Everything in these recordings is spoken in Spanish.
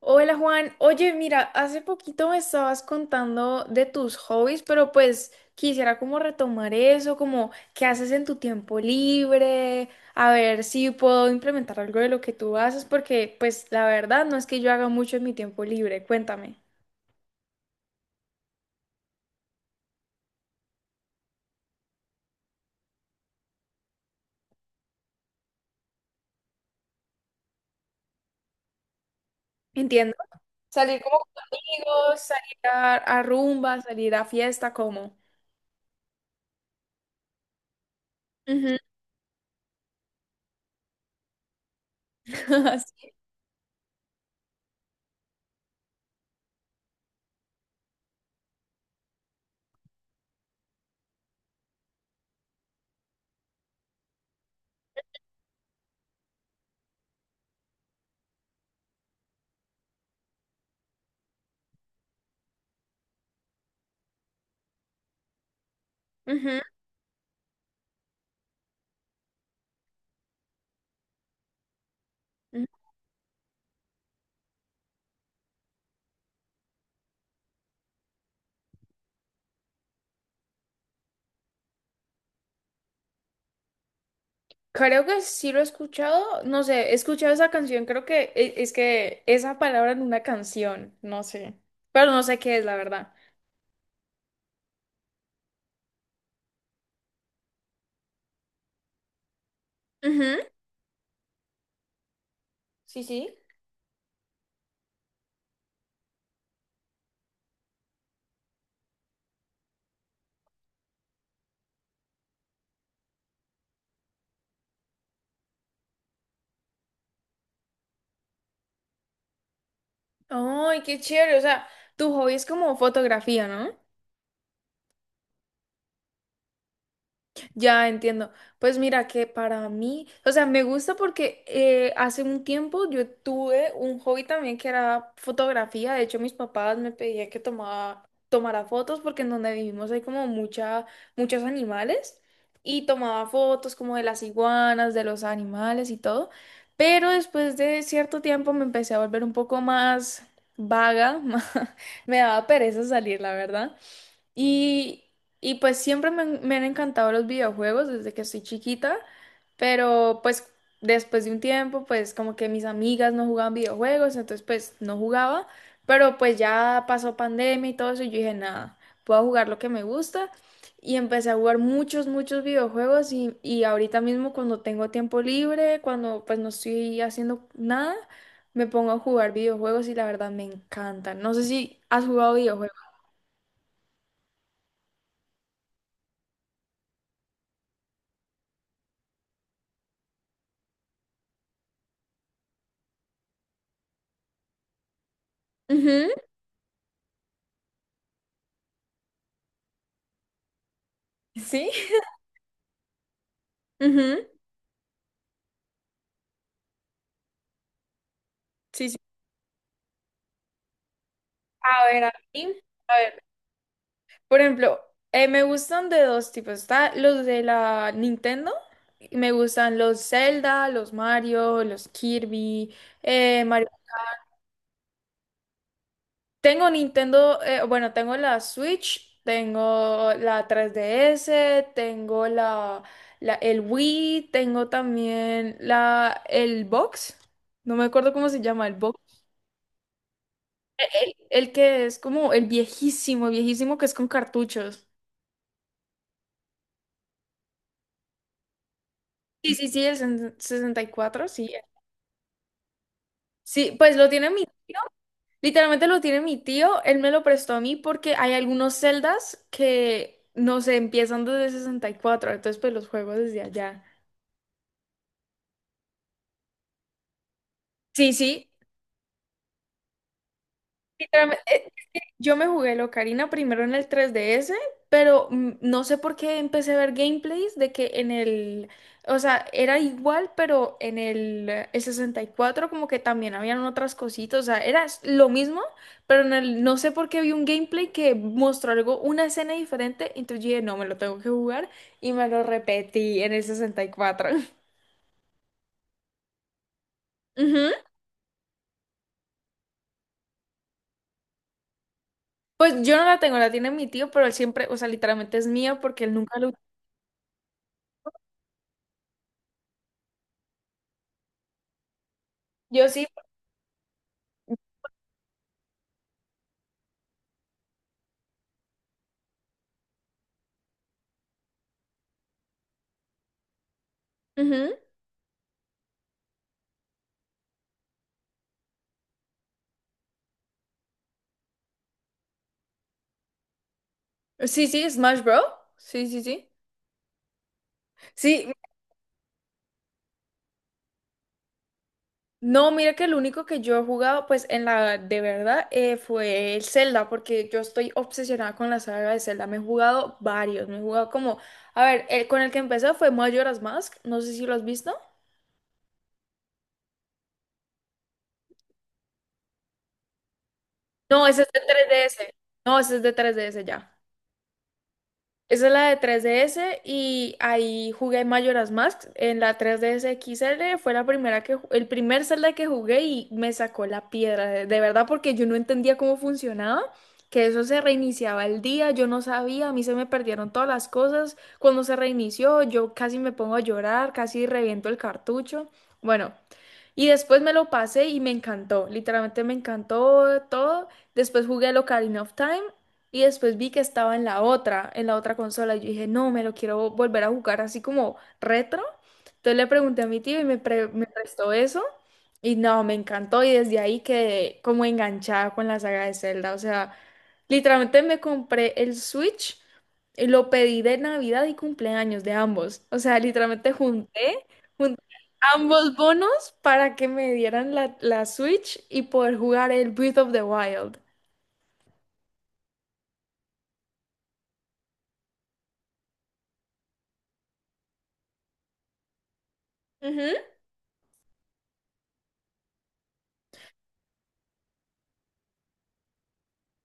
Hola Juan, oye, mira, hace poquito me estabas contando de tus hobbies, pero pues quisiera como retomar eso, como qué haces en tu tiempo libre, a ver si puedo implementar algo de lo que tú haces, porque pues la verdad no es que yo haga mucho en mi tiempo libre, cuéntame. Entiendo. Salir como con amigos, salir a rumba, salir a fiesta, ¿cómo? Ujú, así. Ujú, ujú. Creo que sí lo he escuchado, no sé, he escuchado esa canción, creo que es que esa palabra en una canción, no sé, pero no sé qué es, la verdad. Ujú, sí, sí. Ay, qué chévere, o sea, tu hobby es como fotografía, ¿no? Ya entiendo. Pues mira que para mí, o sea, me gusta porque hace un tiempo yo tuve un hobby también que era fotografía. De hecho, mis papás me pedían que tomara fotos porque en donde vivimos hay como muchos animales y tomaba fotos como de las iguanas, de los animales y todo. Pero después de cierto tiempo me empecé a volver un poco más vaga. Me daba pereza salir, la verdad. Y, y pues siempre me han encantado los videojuegos desde que soy chiquita, pero pues después de un tiempo, pues como que mis amigas no jugaban videojuegos, entonces pues no jugaba, pero pues ya pasó pandemia y todo eso y yo dije, nada, puedo jugar lo que me gusta y empecé a jugar muchos, muchos videojuegos y ahorita mismo cuando tengo tiempo libre, cuando pues no estoy haciendo nada, me pongo a jugar videojuegos y la verdad me encantan. No sé si has jugado videojuegos. Ujú. ¿Sí? Ujú. Sí, sí. A ver, a mí, a ver, por ejemplo, me gustan de dos tipos. Está los de la Nintendo, y me gustan los Zelda, los Mario, los Kirby, Mario. Tengo Nintendo, bueno, tengo la Switch, tengo la 3DS, tengo la, el Wii, tengo también la el Box. No me acuerdo cómo se llama el box. El que es como el viejísimo, viejísimo que es con cartuchos. Sí, sí, sí, el 64 sí. Sí, pues lo tiene mi tío. Literalmente lo tiene mi tío. Él me lo prestó a mí porque hay algunos celdas que no se empiezan desde 64. Entonces, pues los juego desde allá. Sí, sí. Literalmente. Yo me jugué el Ocarina primero en el 3DS, pero no sé por qué empecé a ver gameplays de que en el, o sea, era igual, pero en el 64 como que también habían otras cositas, o sea, era lo mismo, pero en el, no sé por qué vi un gameplay que mostró algo, una escena diferente, entonces yo dije, no, me lo tengo que jugar y me lo repetí en el 64. Ujú. Pues yo no la tengo, la tiene mi tío, pero él siempre, o sea, literalmente es mía porque él nunca lo... Yo sí. Ujú. Sí, sí, Smash Bros. Sí, sí, sí. Sí, no, mira que el único que yo he jugado, pues en la de verdad, fue el Zelda, porque yo estoy obsesionada con la saga de Zelda. Me he jugado varios, me he jugado como, a ver, el con el que empecé fue Majora's Mask, no sé si lo has visto. No, ese es de 3DS. No, ese es de 3DS ya. Esa es la de 3DS y ahí jugué Majora's Mask. En la 3DS X XL fue la primera que, el primer Zelda que jugué y me sacó la piedra, de verdad, porque yo no entendía cómo funcionaba, que eso se reiniciaba el día, yo no sabía, a mí se me perdieron todas las cosas. Cuando se reinició, yo casi me pongo a llorar, casi reviento el cartucho. Bueno. Y después me lo pasé y me encantó, literalmente me encantó todo. Después jugué el Ocarina of Time y después vi que estaba en la otra, consola. Y yo dije, no, me lo quiero volver a jugar así como retro. Entonces le pregunté a mi tío y me prestó eso. Y no, me encantó y desde ahí quedé como enganchada con la saga de Zelda. O sea, literalmente me compré el Switch, y lo pedí de Navidad y cumpleaños de ambos. O sea, literalmente junté ambos bonos para que me dieran la, Switch y poder jugar el Breath of the Wild. Ujú.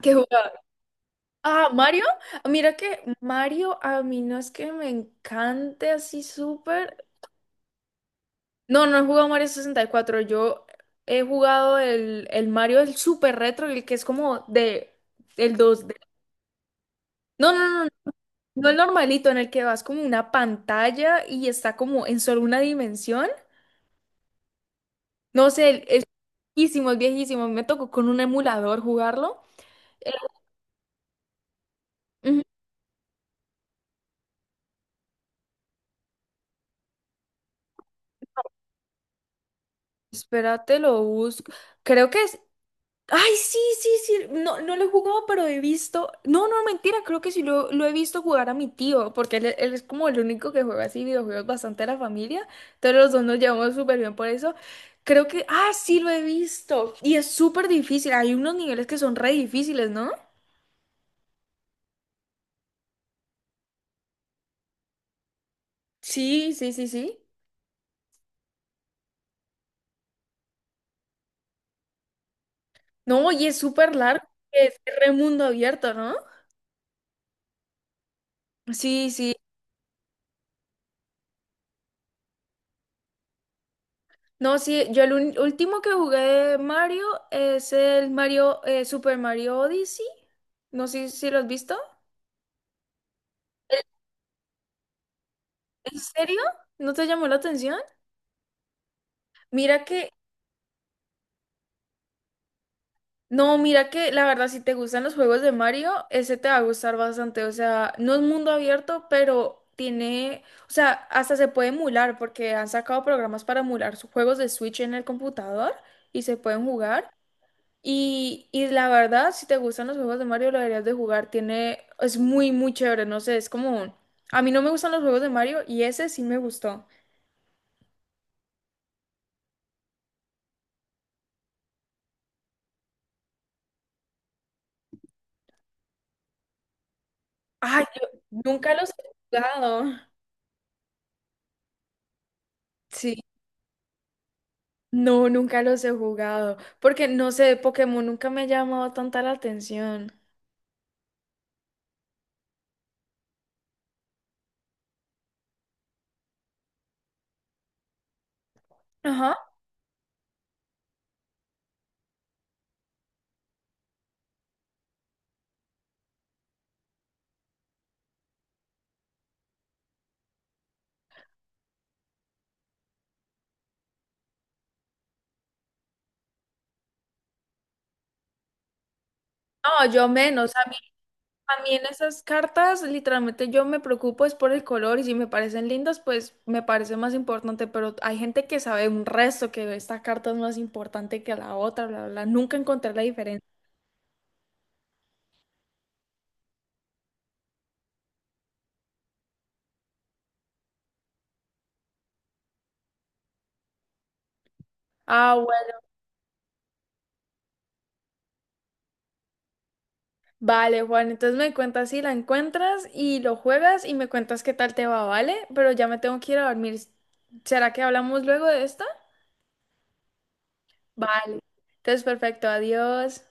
¿Qué jugaba? Ah, Mario. Mira que Mario a mí no es que me encante así súper. No, no he jugado Mario 64. Yo he jugado el Mario el súper retro, el que es como de el 2D. No, no, no, no, no el normalito en el que vas como una pantalla y está como en solo una dimensión. No sé, es viejísimo, es viejísimo. Me tocó con un emulador jugarlo. Era- Ujú. Espérate, lo busco. Creo que es. Ay, sí, sí, sí. No, no lo he jugado, pero he visto. No, no, mentira. Creo que sí lo he visto jugar a mi tío, porque él es como el único que juega así videojuegos bastante a la familia. Entonces los dos nos llevamos súper bien por eso. Creo que. Ah, sí, lo he visto. Y es súper difícil. Hay unos niveles que son re difíciles, ¿no? Sí, sí, sí, sí. No, y es súper largo. Es re mundo abierto, ¿no? Sí, sí. No, sí, yo el último que jugué de Mario es el Mario, Super Mario Odyssey. No sé si lo has visto. ¿En serio? ¿No te llamó la atención? Mira que, no, mira que la verdad, si te gustan los juegos de Mario, ese te va a gustar bastante. O sea, no es mundo abierto, pero tiene, o sea, hasta se puede emular porque han sacado programas para emular sus juegos de Switch en el computador y se pueden jugar. Y la verdad, si te gustan los juegos de Mario, lo deberías de jugar. Tiene, es muy, muy chévere. No sé, es como A mí no me gustan los juegos de Mario y ese sí me gustó. Ay, yo nunca los he jugado. Sí. No, nunca los he jugado. Porque no sé, Pokémon nunca me ha llamado tanta la atención. Ajá. No, yo menos. A mí en esas cartas, literalmente yo me preocupo es por el color y si me parecen lindas, pues me parece más importante, pero hay gente que sabe un resto que esta carta es más importante que la otra, bla, bla, bla. Nunca encontré la diferencia. Ah, bueno, vale, Juan, entonces me cuentas si la encuentras y lo juegas y me cuentas qué tal te va, ¿vale? Pero ya me tengo que ir a dormir. ¿Será que hablamos luego de esta? Vale. Entonces, perfecto, adiós.